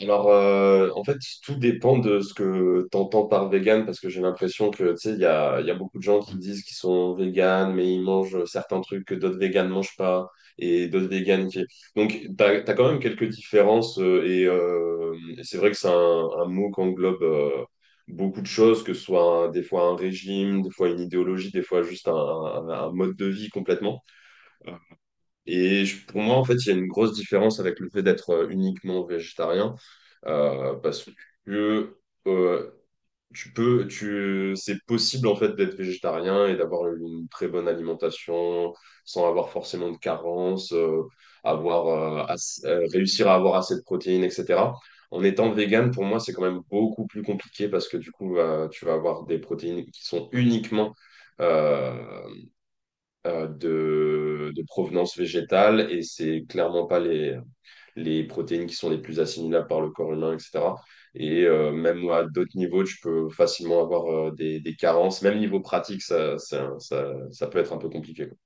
En fait, tout dépend de ce que tu entends par vegan, parce que j'ai l'impression que, tu sais, il y a beaucoup de gens qui disent qu'ils sont vegan, mais ils mangent certains trucs que d'autres végans ne mangent pas, et d'autres végans qui... Donc, tu as quand même quelques différences, et c'est vrai que c'est un mot qui englobe beaucoup de choses, que ce soit des fois un régime, des fois une idéologie, des fois juste un mode de vie complètement. Et pour moi, en fait, il y a une grosse différence avec le fait d'être uniquement végétarien, parce que euh, tu peux, c'est possible en fait d'être végétarien et d'avoir une très bonne alimentation sans avoir forcément de carence, avoir réussir à avoir assez de protéines, etc. En étant vegan, pour moi, c'est quand même beaucoup plus compliqué parce que du coup, tu vas avoir des protéines qui sont uniquement euh, de provenance végétale et c'est clairement pas les, les protéines qui sont les plus assimilables par le corps humain, etc. Et même à d'autres niveaux, tu peux facilement avoir des carences. Même niveau pratique, ça peut être un peu compliqué, quoi.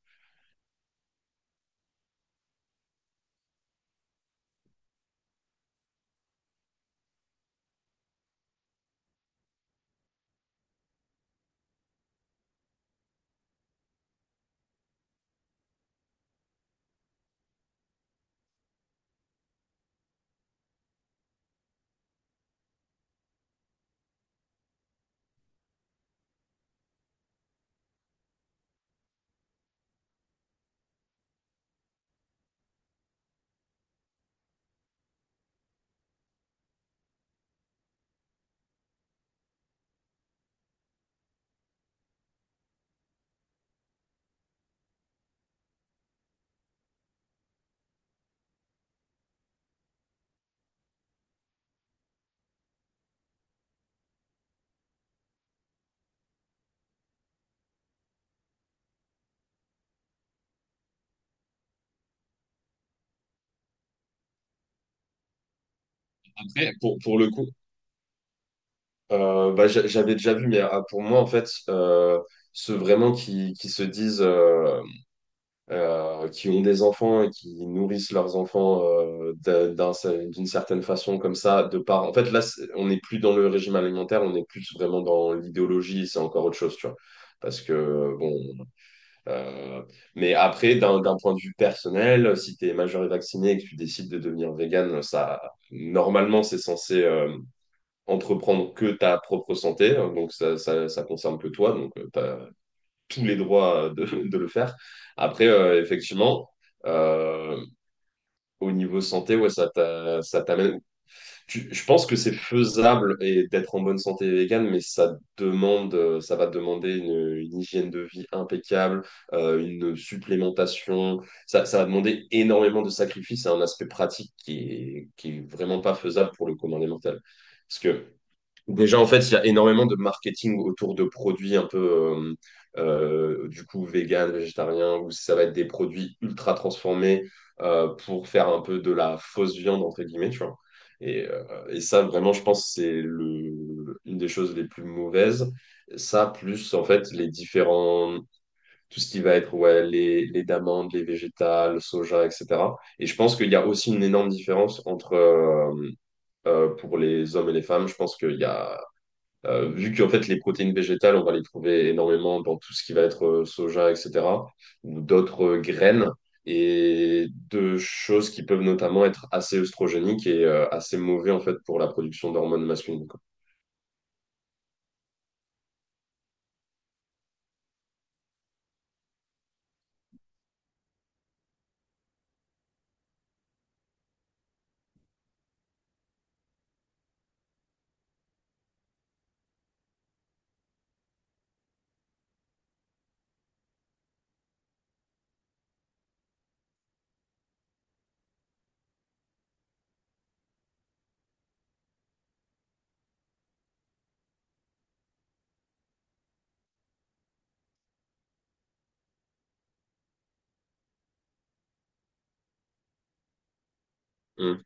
Après, pour le coup, bah, j'avais déjà vu, mais ah, pour moi, en fait, ceux vraiment qui se disent qui ont des enfants et qui nourrissent leurs enfants d'une certaine façon comme ça, de par... En fait, là, on n'est plus dans le régime alimentaire, on est plus vraiment dans l'idéologie, c'est encore autre chose, tu vois. Parce que, bon, euh, mais après, d'un point de vue personnel, si tu es majeur et vacciné et que tu décides de devenir vegan, ça normalement, c'est censé entreprendre que ta propre santé, donc ça concerne que toi, donc t'as tous les droits de de le faire. Après, effectivement, euh, au niveau santé, ouais, ça t'amène. Je pense que c'est faisable et d'être en bonne santé végane, mais ça demande, ça va demander une hygiène de vie impeccable, une supplémentation. Ça va demander énormément de sacrifices. C'est un aspect pratique qui est vraiment pas faisable pour le commun des mortels. Parce que déjà, en fait, il y a énormément de marketing autour de produits un peu, euh, du coup, vegan, végétarien, où ça va être des produits ultra transformés pour faire un peu de la fausse viande, entre guillemets, tu vois. Et ça, vraiment, je pense que c'est le, une des choses les plus mauvaises. Ça, plus, en fait, les différents, tout ce qui va être, ouais, les d'amandes, les végétales, soja, etc. Et je pense qu'il y a aussi une énorme différence entre, pour les hommes et les femmes, je pense qu'il y a vu qu'en fait, les protéines végétales, on va les trouver énormément dans tout ce qui va être soja, etc., ou d'autres graines, et de choses qui peuvent notamment être assez œstrogéniques et assez mauvais en fait pour la production d'hormones masculines, quoi. Mm.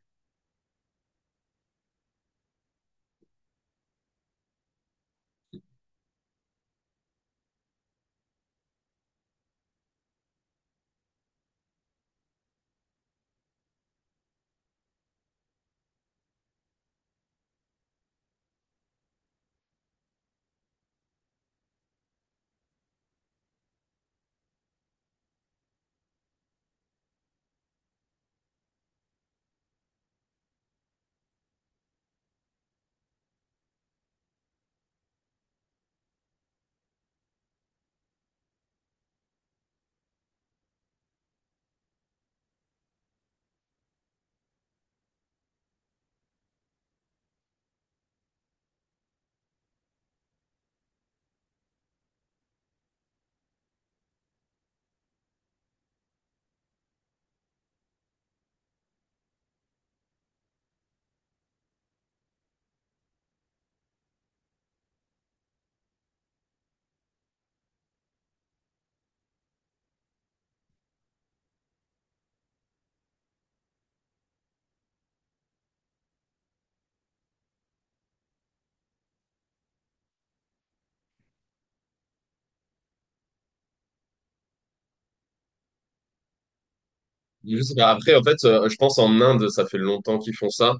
Je sais pas. Après, en fait, je pense en Inde, ça fait longtemps qu'ils font ça,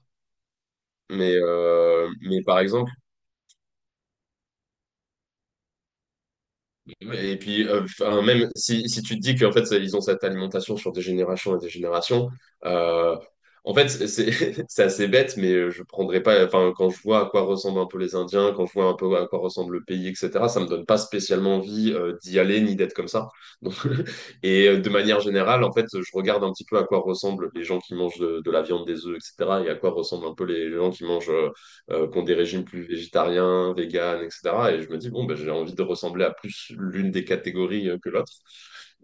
mais, mais par exemple, et puis, enfin, même si, si tu te dis qu'en fait, ils ont cette alimentation sur des générations et des générations, euh, en fait, c'est c'est assez bête, mais je prendrais pas. Enfin, quand je vois à quoi ressemblent un peu les Indiens, quand je vois un peu à quoi ressemble le pays, etc., ça me donne pas spécialement envie d'y aller ni d'être comme ça. Donc, et de manière générale, en fait, je regarde un petit peu à quoi ressemblent les gens qui mangent de la viande, des œufs, etc., et à quoi ressemblent un peu les gens qui mangent qui ont des régimes plus végétariens, véganes, etc. Et je me dis, bon, ben, j'ai envie de ressembler à plus l'une des catégories que l'autre.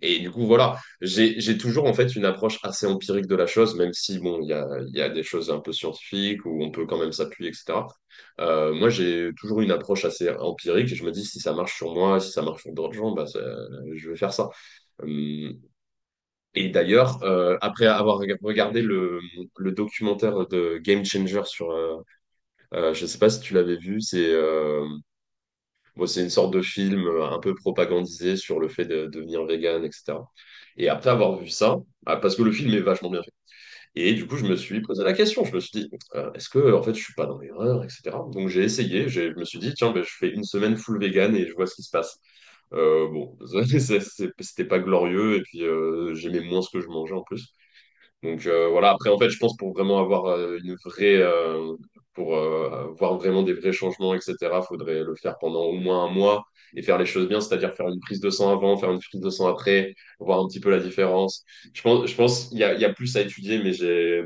Et du coup, voilà, j'ai toujours en fait une approche assez empirique de la chose, même si, bon, il y a des choses un peu scientifiques où on peut quand même s'appuyer, etc. Moi, j'ai toujours une approche assez empirique et je me dis, si ça marche sur moi, si ça marche sur d'autres gens, bah, je vais faire ça. Euh, Et d'ailleurs, après avoir regardé le documentaire de Game Changer sur, je ne sais pas si tu l'avais vu, c'est bon, c'est une sorte de film un peu propagandisé sur le fait de devenir vegan, etc. Et après avoir vu ça, ah, parce que le film est vachement bien fait, et du coup je me suis posé la question, je me suis dit, est-ce que en fait je suis pas dans l'erreur, etc. Donc j'ai essayé, je me suis dit, tiens, ben, je fais une semaine full vegan et je vois ce qui se passe. Bon, c'était pas glorieux, et puis j'aimais moins ce que je mangeais en plus. Donc voilà, après en fait, je pense pour vraiment avoir pour voir vraiment des vrais changements, etc., faudrait le faire pendant au moins un mois et faire les choses bien, c'est-à-dire faire une prise de sang avant, faire une prise de sang après, voir un petit peu la différence. Je pense, il y a plus à étudier, mais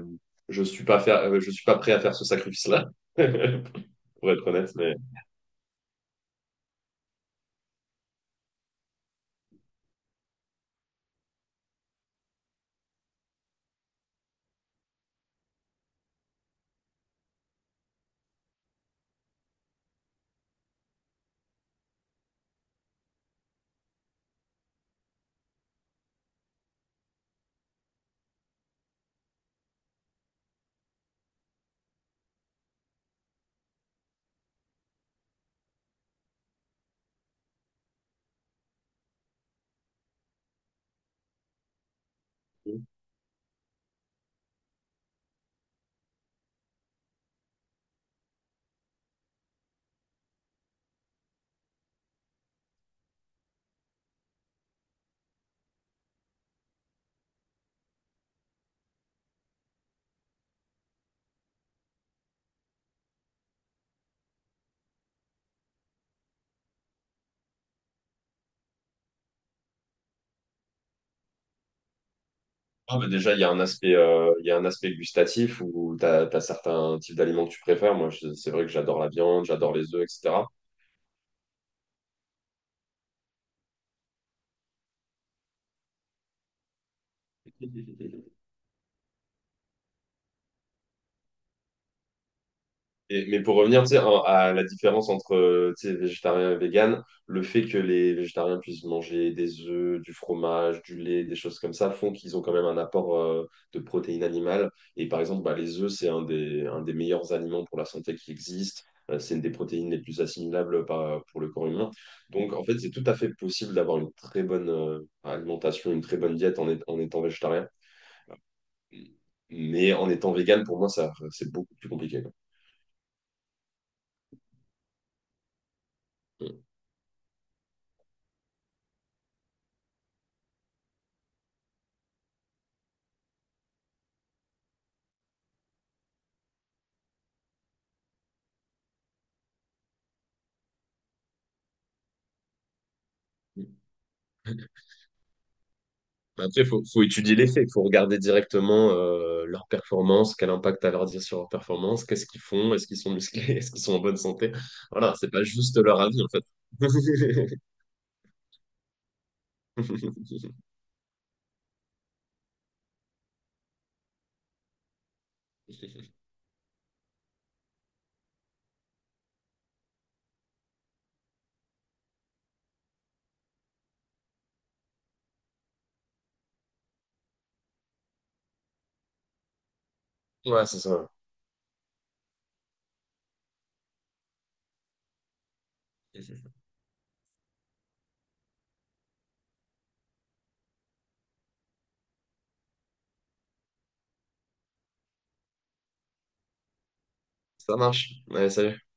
je suis pas faire, je suis pas prêt à faire ce sacrifice-là, pour être honnête, mais. Ah, bah déjà, il y a un aspect gustatif où tu as certains types d'aliments que tu préfères. Moi, c'est vrai que j'adore la viande, j'adore les œufs, etc. Et mais pour revenir, tu sais, à la différence entre, tu sais, végétarien et vegan, le fait que les végétariens puissent manger des œufs, du fromage, du lait, des choses comme ça, font qu'ils ont quand même un apport, de protéines animales. Et par exemple, bah, les œufs, c'est un des meilleurs aliments pour la santé qui existe. C'est une des protéines les plus assimilables pour le corps humain. Donc, en fait, c'est tout à fait possible d'avoir une très bonne, alimentation, une très bonne diète en, en étant végétarien. Mais en étant vegan, pour moi, ça, c'est beaucoup plus compliqué, quoi. Bah, après, faut étudier les faits, il faut regarder directement leur performance, quel impact a leur dire sur leur performance, qu'est-ce qu'ils font, est-ce qu'ils sont musclés, est-ce qu'ils sont en bonne santé. Voilà, c'est pas juste leur avis en fait. Ouais, c'est ça. Ça marche. Allez, salut.